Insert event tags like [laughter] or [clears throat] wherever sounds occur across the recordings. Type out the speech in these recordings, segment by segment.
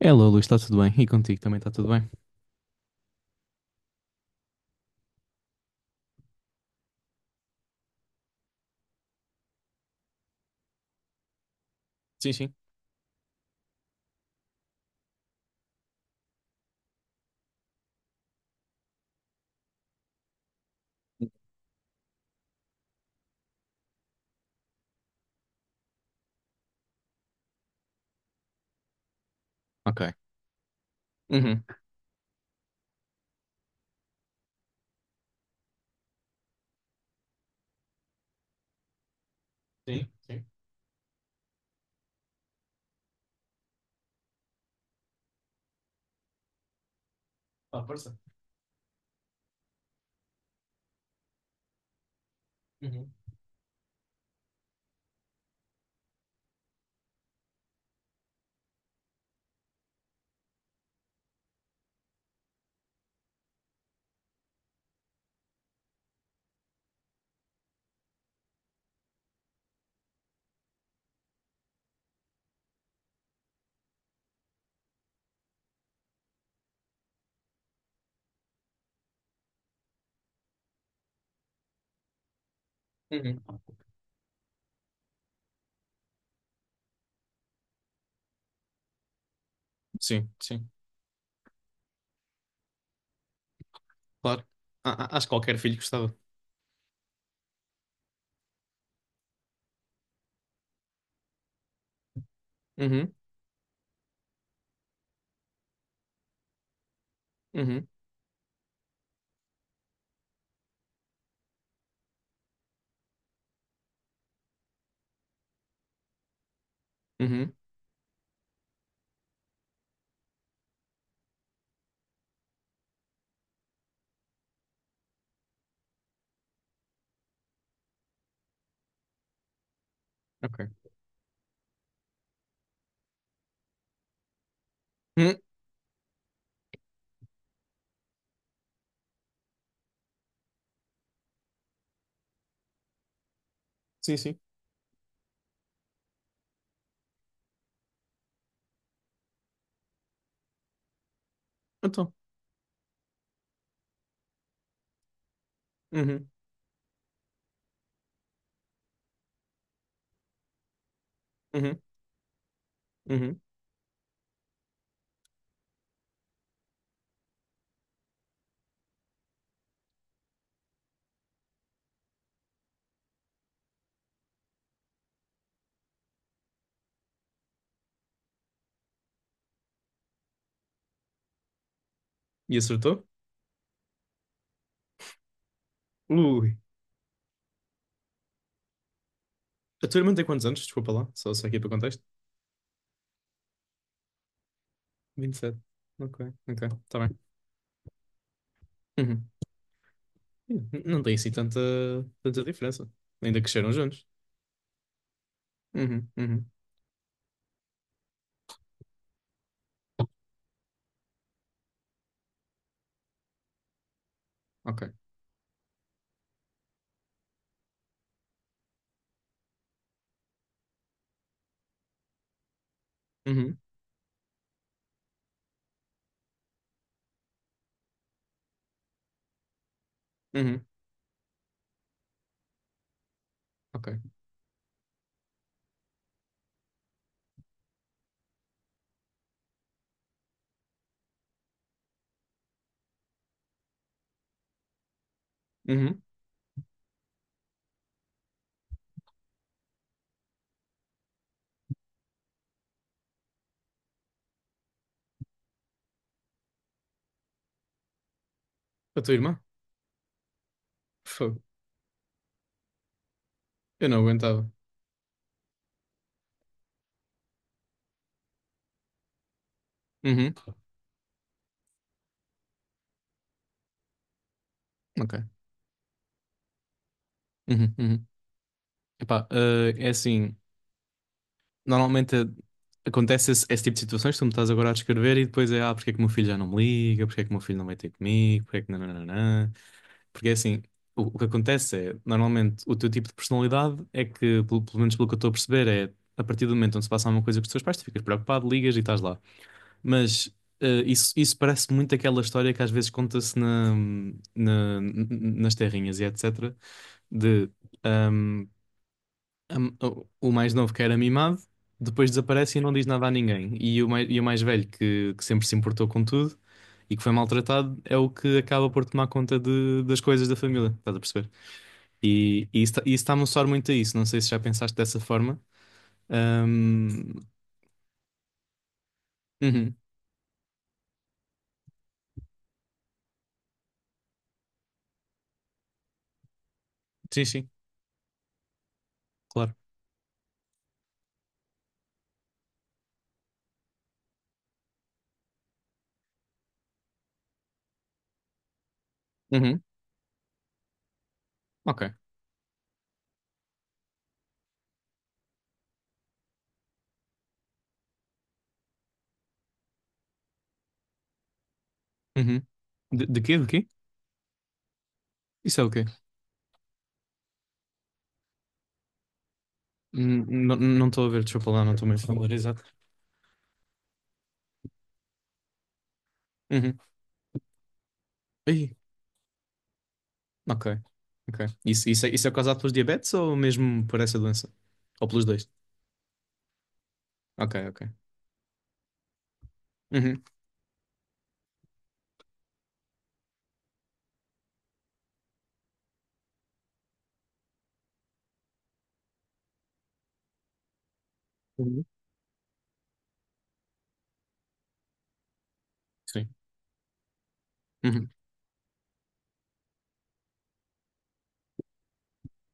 Hello, Luís, está tudo bem? E contigo também está tudo bem? Sim, sim. Ok. Uhum. Sim, sim. Ah, força. Uhum. Uhum. Sim, sim. Claro. Acho que qualquer filho gostava. Uhum. Uhum. Uhum. Ok. Uhum. Sim, sim. Então. Uhum. Uhum. Uhum. E acertou? Ui. A tua irmã tem quantos anos? Desculpa lá. Só aqui para o contexto. 27. Ok, ok. Está bem. Uhum. Não tem assim tanta diferença. Ainda cresceram juntos. Uhum. Uhum. Ok. Uhum. Uhum. Ok. Uhum. A tua irmã? Fogo. Eu não aguentava. Uhum. Ok. Uhum, uhum. Epá, é assim, normalmente acontece esse tipo de situações, que tu me estás agora a descrever e depois é, ah, porque é que o meu filho já não me liga, porque é que o meu filho não vai ter comigo, porque é que nananana. Porque é assim, o que acontece é, normalmente, o teu tipo de personalidade é que, pelo menos pelo que eu estou a perceber, é a partir do momento onde se passa alguma coisa com os teus pais, tu ficas preocupado, ligas e estás lá. Mas isso parece muito aquela história que às vezes conta-se na, na- nas terrinhas e etc de ahm, o mais novo que era mimado, depois desaparece e não diz nada a ninguém. E o mais velho que sempre se importou com tudo e que foi maltratado é o que acaba por tomar conta das coisas da família, estás a perceber? E isso está-me a soar muito a isso, não sei se já pensaste dessa forma. Ahm, uhum, sim, sim, claro. Uhum. Ok. Uhum. De quê? De quê? Isso é o quê? Não estou a ver, desculpa lá, não estou meio familiarizado. Uhum. Ai, ok, ok. Isso é causado pelos diabetes ou mesmo por essa doença? Ou pelos dois? Ok, ok. Uhum. Uhum. Sim. Uhum.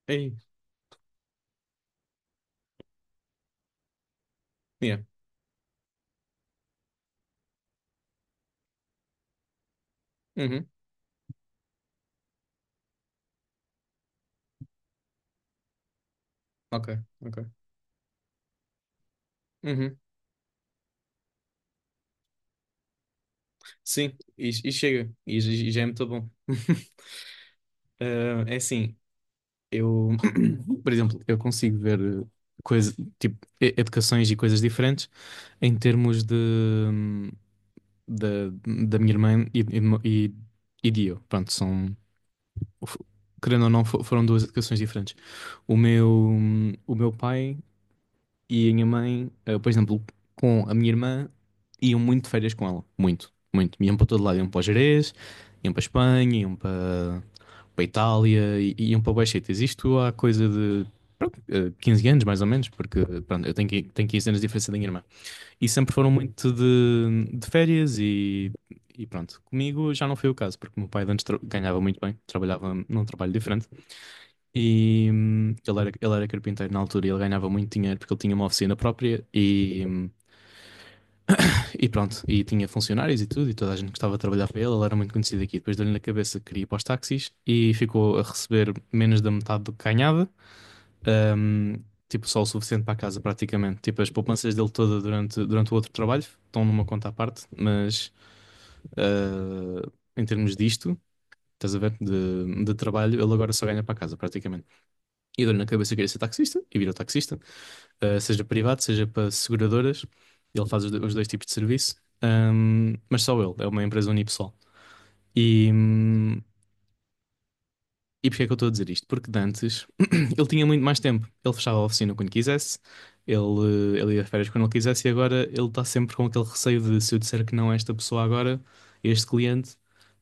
Ei, yeah. Uhum. Ok, ok. Uhum. Sim, e chega. E já é muito bom. [laughs] É assim, eu, [coughs] [clears throat] por exemplo, eu consigo ver coisa, tipo, educações e coisas diferentes em termos de, da da minha irmã e, e, e de eu. Pronto, são, f- querendo ou não, foram duas educações diferentes. O meu, o meu pai e a minha mãe, por exemplo, com a minha irmã, iam muito de férias com ela. Muito, muito. Iam para todo lado. Iam para o Jerez, iam para a Espanha, iam para a Itália, iam para vários sítios. Isto há coisa de pronto, 15 anos, mais ou menos, porque pronto, eu tenho 15 anos de diferença da minha irmã. E sempre foram muito de férias e pronto. Comigo já não foi o caso, porque o meu pai de antes ganhava muito bem, trabalhava num trabalho diferente. E ele era carpinteiro na altura e ele ganhava muito dinheiro porque ele tinha uma oficina própria e pronto, e tinha funcionários e tudo, e toda a gente gostava de trabalhar para ele, ele era muito conhecido aqui. Depois deu-lhe na cabeça que queria ir para os táxis e ficou a receber menos da metade do que ganhava, hum, tipo só o suficiente para a casa praticamente. Tipo, as poupanças dele toda durante o outro trabalho estão numa conta à parte, mas ah, em termos disto. Estás a ver? De trabalho, ele agora só ganha para a casa, praticamente. E deu-lhe na cabeça que queria ser taxista e virou taxista. Seja privado, seja para seguradoras. Ele faz os dois tipos de serviço. Mas só ele, é uma empresa unipessoal. E, hum, e porquê é que eu estou a dizer isto? Porque de antes [clears throat] ele tinha muito mais tempo. Ele fechava a oficina quando quisesse, ele ia de férias quando ele quisesse, e agora ele está sempre com aquele receio de se eu disser que não a esta pessoa agora, a este cliente.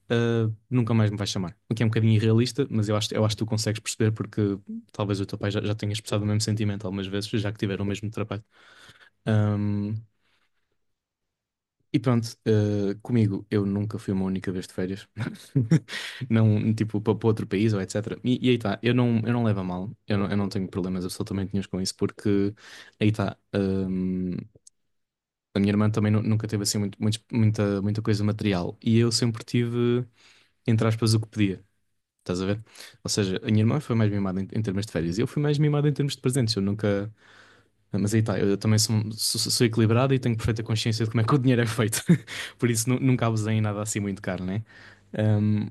Nunca mais me vai chamar. O que é um bocadinho irrealista, mas eu acho, que tu consegues perceber porque talvez o teu pai já tenha expressado o mesmo sentimento algumas vezes, já que tiveram o mesmo trabalho. E pronto, comigo eu nunca fui uma única vez de férias, [laughs] não, tipo, para outro país ou etc. E aí está, eu não levo a mal, eu não tenho problemas absolutamente nenhuns com isso, porque aí está, a minha irmã também nunca teve assim muito, muita coisa material e eu sempre tive, entre aspas, o que pedia, estás a ver? Ou seja, a minha irmã foi mais mimada em termos de férias e eu fui mais mimado em termos de presentes, eu nunca. Mas aí está, eu também sou equilibrado e tenho perfeita consciência de como é que o dinheiro é feito. [laughs] Por isso nunca abusei em nada assim muito caro, né? Um,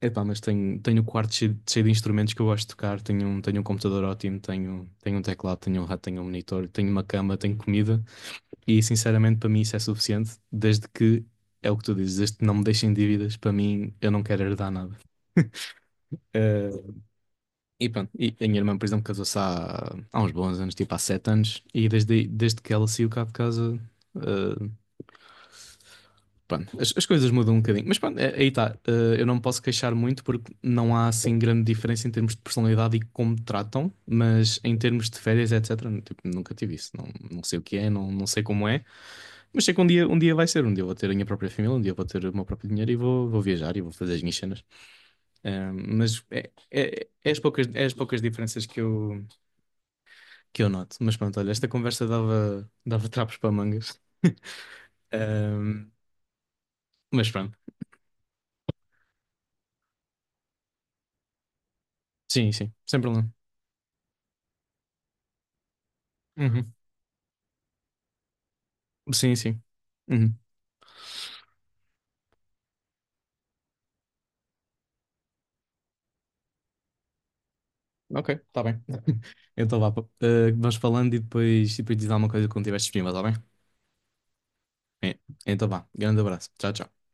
Epá, mas tenho o quarto cheio, cheio de instrumentos que eu gosto de tocar. Tenho um computador ótimo, tenho um teclado, tenho um rato, tenho um monitor, tenho uma cama, tenho comida. E sinceramente para mim isso é suficiente, desde que, é o que tu dizes, desde que não me deixem dívidas, para mim eu não quero herdar nada. Hum, e pronto, e a minha irmã, por exemplo, casou-se há uns bons anos, tipo há 7 anos, e desde que ela saiu cá de casa, eh, pronto, as coisas mudam um bocadinho. Mas pronto, aí está. Eu não me posso queixar muito porque não há assim grande diferença em termos de personalidade e como me tratam, mas em termos de férias, etc., tipo, nunca tive isso. Não, não sei o que é, não, não sei como é, mas sei que um dia vai ser. Um dia eu vou ter a minha própria família, um dia eu vou ter o meu próprio dinheiro e vou viajar e vou fazer as minhas cenas. Mas é as poucas diferenças que eu noto. Mas pronto, olha, esta conversa dava trapos para mangas. [laughs] Ahm, mas pronto, sim, sim, sem problema. Uhum. Sim, sim. Uhum. Ok, está bem. [laughs] Então vá, pá. Ah, vamos falando e depois diz alguma coisa quando estiveres disponível, está bem? É. Então vá, grande abraço. Tchau, tchau.